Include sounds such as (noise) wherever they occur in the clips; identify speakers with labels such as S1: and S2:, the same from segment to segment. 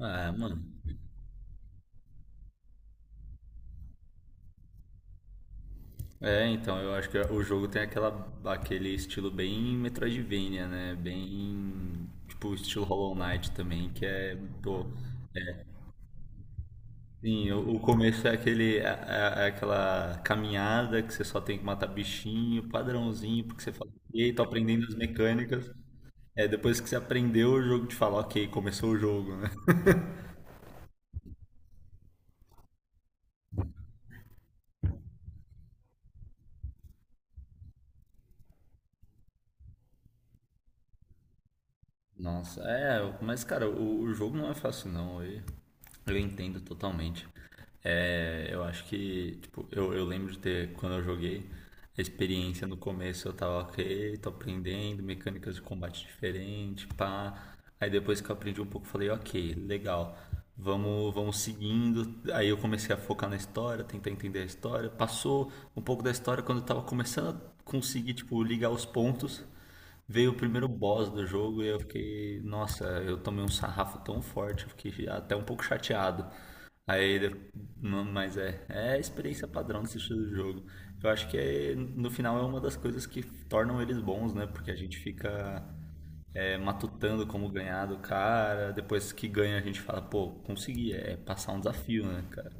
S1: Ah, mano. Então, eu acho que o jogo tem aquele estilo bem Metroidvania, né? Bem, tipo, estilo Hollow Knight também, pô, sim, o começo é aquele, é aquela caminhada que você só tem que matar bichinho, padrãozinho, porque você fala, ok, tô aprendendo as mecânicas. É, depois que você aprendeu, o jogo te fala, ok, começou o jogo, né? Nossa, é, mas cara, o jogo não é fácil não, eu entendo totalmente. É, eu acho que, tipo, eu lembro de ter, quando eu joguei, a experiência no começo eu tava ok, tô aprendendo, mecânicas de combate diferente, pá. Aí depois que eu aprendi um pouco, eu falei, ok, legal, vamos seguindo. Aí eu comecei a focar na história, tentar entender a história. Passou um pouco da história quando eu tava começando a conseguir, tipo, ligar os pontos. Veio o primeiro boss do jogo e eu fiquei, nossa, eu tomei um sarrafo tão forte, eu fiquei até um pouco chateado. Aí, de- não, mas é, é a experiência padrão desse estilo de jogo. Eu acho que é, no final é uma das coisas que tornam eles bons, né? Porque a gente fica matutando como ganhar do cara, depois que ganha a gente fala, pô, consegui, é passar um desafio, né, cara?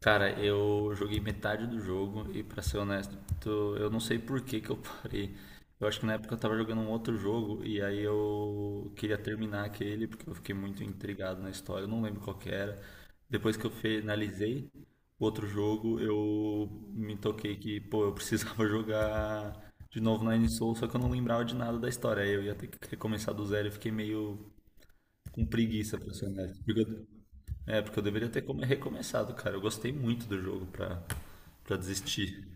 S1: Cara, eu joguei metade do jogo e pra ser honesto, eu não sei por que que eu parei. Eu acho que na época eu tava jogando um outro jogo e aí eu queria terminar aquele porque eu fiquei muito intrigado na história, eu não lembro qual que era. Depois que eu finalizei o outro jogo, eu me toquei que, pô, eu precisava (laughs) jogar de novo Nine Soul, só que eu não lembrava de nada da história. Aí eu ia ter que recomeçar do zero e fiquei meio com preguiça, pra ser honesto. É, porque eu deveria ter recomeçado, cara. Eu gostei muito do jogo pra, pra desistir.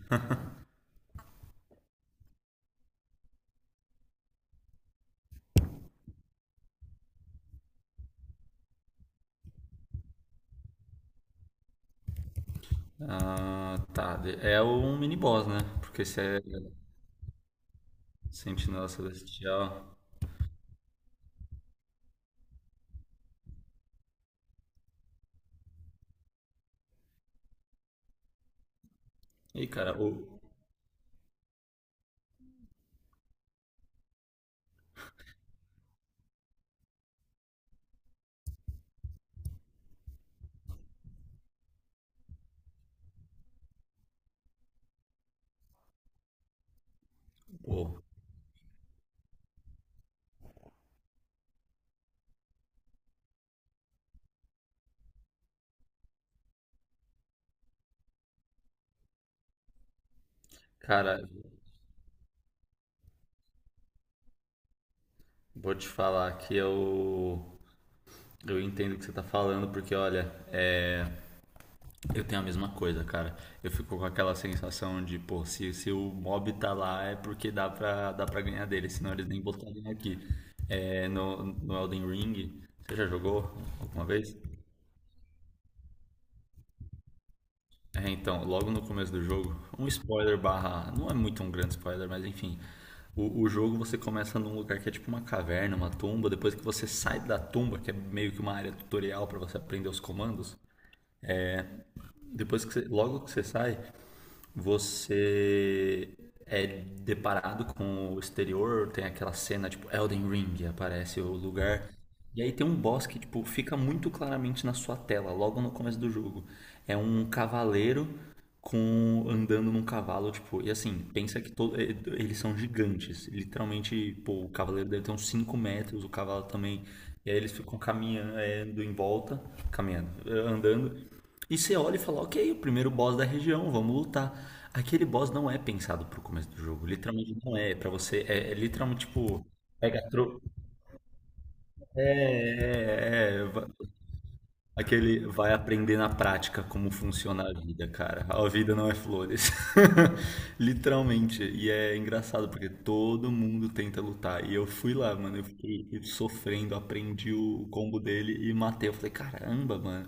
S1: Ah, tá. É um mini-boss, né? Porque se é Sentinela Celestial. Ei, cara, o. o- cara, Vou te falar que eu. Eu entendo o que você tá falando, porque olha, é. Eu tenho a mesma coisa, cara. Eu fico com aquela sensação de, pô, se o mob tá lá é porque dá pra ganhar dele, senão eles nem botaram aqui. É, no Elden Ring, você já jogou alguma vez? É, então, logo no começo do jogo, um spoiler barra, não é muito um grande spoiler, mas enfim. O jogo você começa num lugar que é tipo uma caverna, uma tumba, depois que você sai da tumba, que é meio que uma área tutorial pra você aprender os comandos, depois que você, logo que você sai, você é deparado com o exterior, tem aquela cena tipo Elden Ring, aparece o lugar. E aí tem um boss que tipo fica muito claramente na sua tela, logo no começo do jogo. É um cavaleiro com andando num cavalo, tipo, e assim, pensa que todo, eles são gigantes, literalmente, pô, o cavaleiro deve ter uns 5 metros, o cavalo também. E aí eles ficam caminhando em volta, caminhando, andando, e você olha e fala, ok, o primeiro boss da região, vamos lutar. Aquele boss não é pensado pro começo do jogo, literalmente não é. Pra você, é, é literalmente tipo, pega tro... É, é, é, é, aquele vai aprender na prática como funciona a vida, cara. A vida não é flores. (laughs) Literalmente. E é engraçado porque todo mundo tenta lutar. E eu fui lá, mano. Eu fiquei sofrendo, aprendi o combo dele e matei. Eu falei, caramba, mano.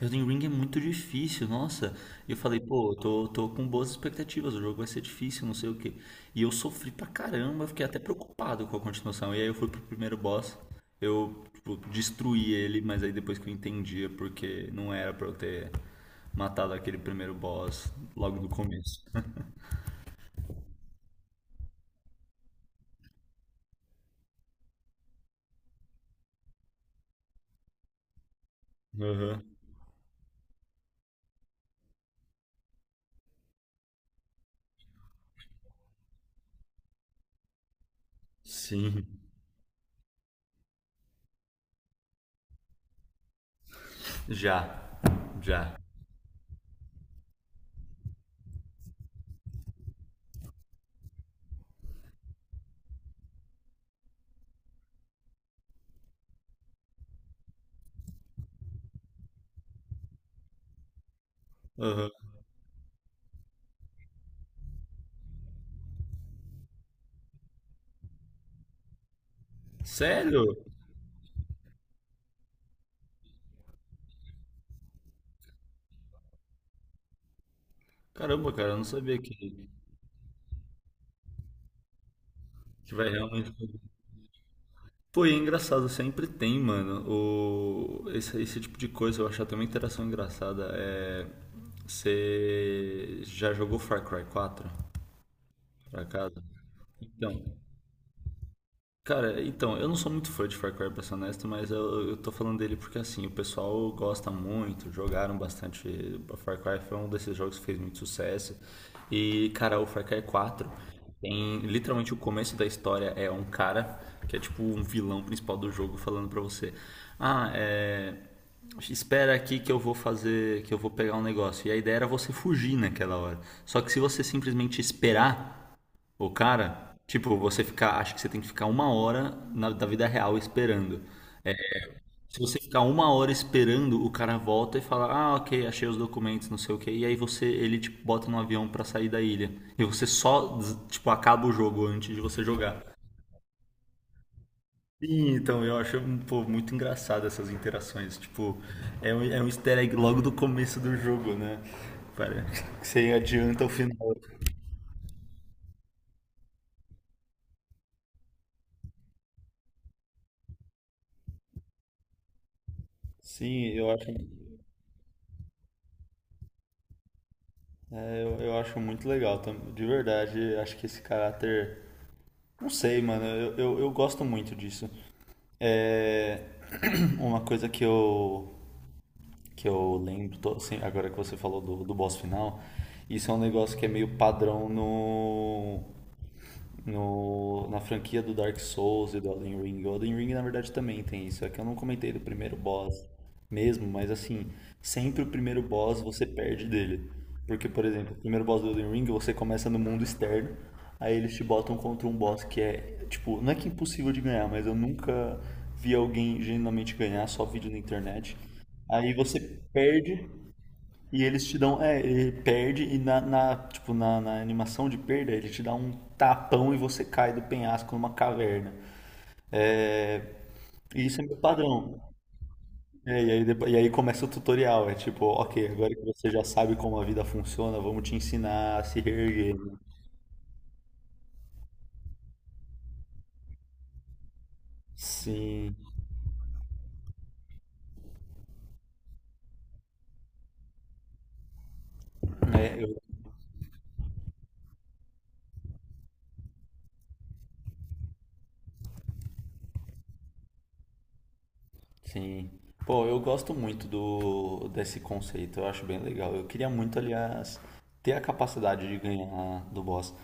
S1: Elden Ring é muito difícil, nossa. E eu falei, pô, tô com boas expectativas. O jogo vai ser difícil, não sei o quê. E eu sofri pra caramba. Eu fiquei até preocupado com a continuação. E aí eu fui pro primeiro boss. Eu, tipo, destruí ele, mas aí depois que eu entendia porque não era pra eu ter matado aquele primeiro boss logo no começo. (laughs) Aham. Sim. Já. Já. Aham. Sério? Caramba, cara, eu não sabia que vai realmente. Pô, e é engraçado, sempre tem, mano. O... Esse tipo de coisa eu acho até uma interação engraçada. É... Você já jogou Far Cry 4 por acaso? Então, cara, então, eu não sou muito fã de Far Cry, pra ser honesto, mas eu tô falando dele porque, assim, o pessoal gosta muito, jogaram bastante. Far Cry foi um desses jogos que fez muito sucesso. E, cara, o Far Cry 4 tem literalmente o começo da história é um cara que é tipo um vilão principal do jogo falando pra você: Ah, é. Espera aqui que eu vou pegar um negócio. E a ideia era você fugir naquela hora. Só que se você simplesmente esperar. O cara, tipo, você ficar, acho que você tem que ficar 1 hora na, da vida real esperando. Se você ficar 1 hora esperando, o cara volta e fala, ah, ok, achei os documentos, não sei o que, e aí você, ele tipo, bota no avião pra sair da ilha. E você só, tipo, acaba o jogo antes de você jogar. Sim, então eu acho pô, muito engraçado essas interações. Tipo, é um easter egg logo do começo do jogo, né? Parece que você adianta o final. Sim, eu acho. É, eu acho muito legal, de verdade. Acho que esse caráter. Não sei, mano. Eu gosto muito disso. É. (clears throat) Uma coisa que eu lembro, assim, agora que você falou do boss final, isso é um negócio que é meio padrão no, no, na franquia do Dark Souls e do Elden Ring. O Elden Ring, na verdade, também tem isso. É que eu não comentei do primeiro boss mesmo, mas assim, sempre o primeiro boss você perde dele. Porque, por exemplo, o primeiro boss do Elden Ring você começa no mundo externo, aí eles te botam contra um boss que é, tipo, não é que é impossível de ganhar, mas eu nunca vi alguém genuinamente ganhar, só vídeo na internet. Aí você perde e eles te dão. É, ele perde e na, tipo, na animação de perda, ele te dá um tapão e você cai do penhasco numa caverna. É, e isso é meu padrão. É, e aí, e aí começa o tutorial. É tipo, ok, agora que você já sabe como a vida funciona, vamos te ensinar a se reerguer. Sim. É, eu, Sim. Pô, eu gosto muito do desse conceito, eu acho bem legal. Eu queria muito, aliás, ter a capacidade de ganhar do boss.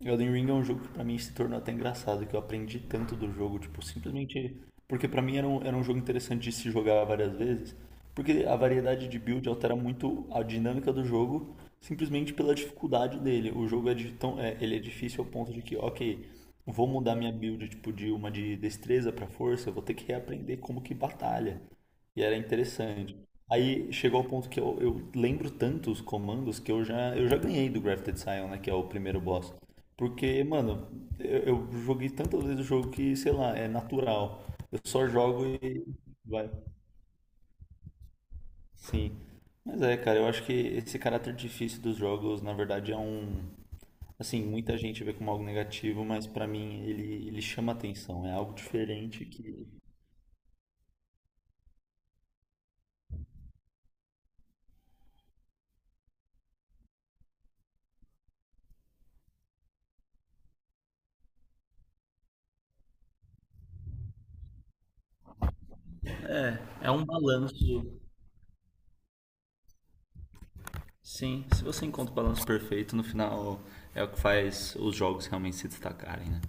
S1: Elden Ring é um jogo que pra mim se tornou até engraçado, que eu aprendi tanto do jogo, tipo, simplesmente porque pra mim era um jogo interessante de se jogar várias vezes, porque a variedade de build altera muito a dinâmica do jogo, simplesmente pela dificuldade dele. O jogo é, de tão, é, ele é difícil ao ponto de que, ok, vou mudar minha build tipo, de uma de destreza pra força, eu vou ter que reaprender como que batalha. E era interessante. Aí chegou ao ponto que eu lembro tanto os comandos que eu já ganhei do Grafted Scion, né? Que é o primeiro boss. Porque, mano, eu joguei tantas vezes o jogo que, sei lá, é natural. Eu só jogo e vai. Sim. Mas é, cara, eu acho que esse caráter difícil dos jogos, na verdade, é um. Assim, muita gente vê como algo negativo, mas pra mim ele chama atenção. É algo diferente que. É um balanço. Sim, se você encontra o balanço perfeito, no final é o que faz os jogos realmente se destacarem, né?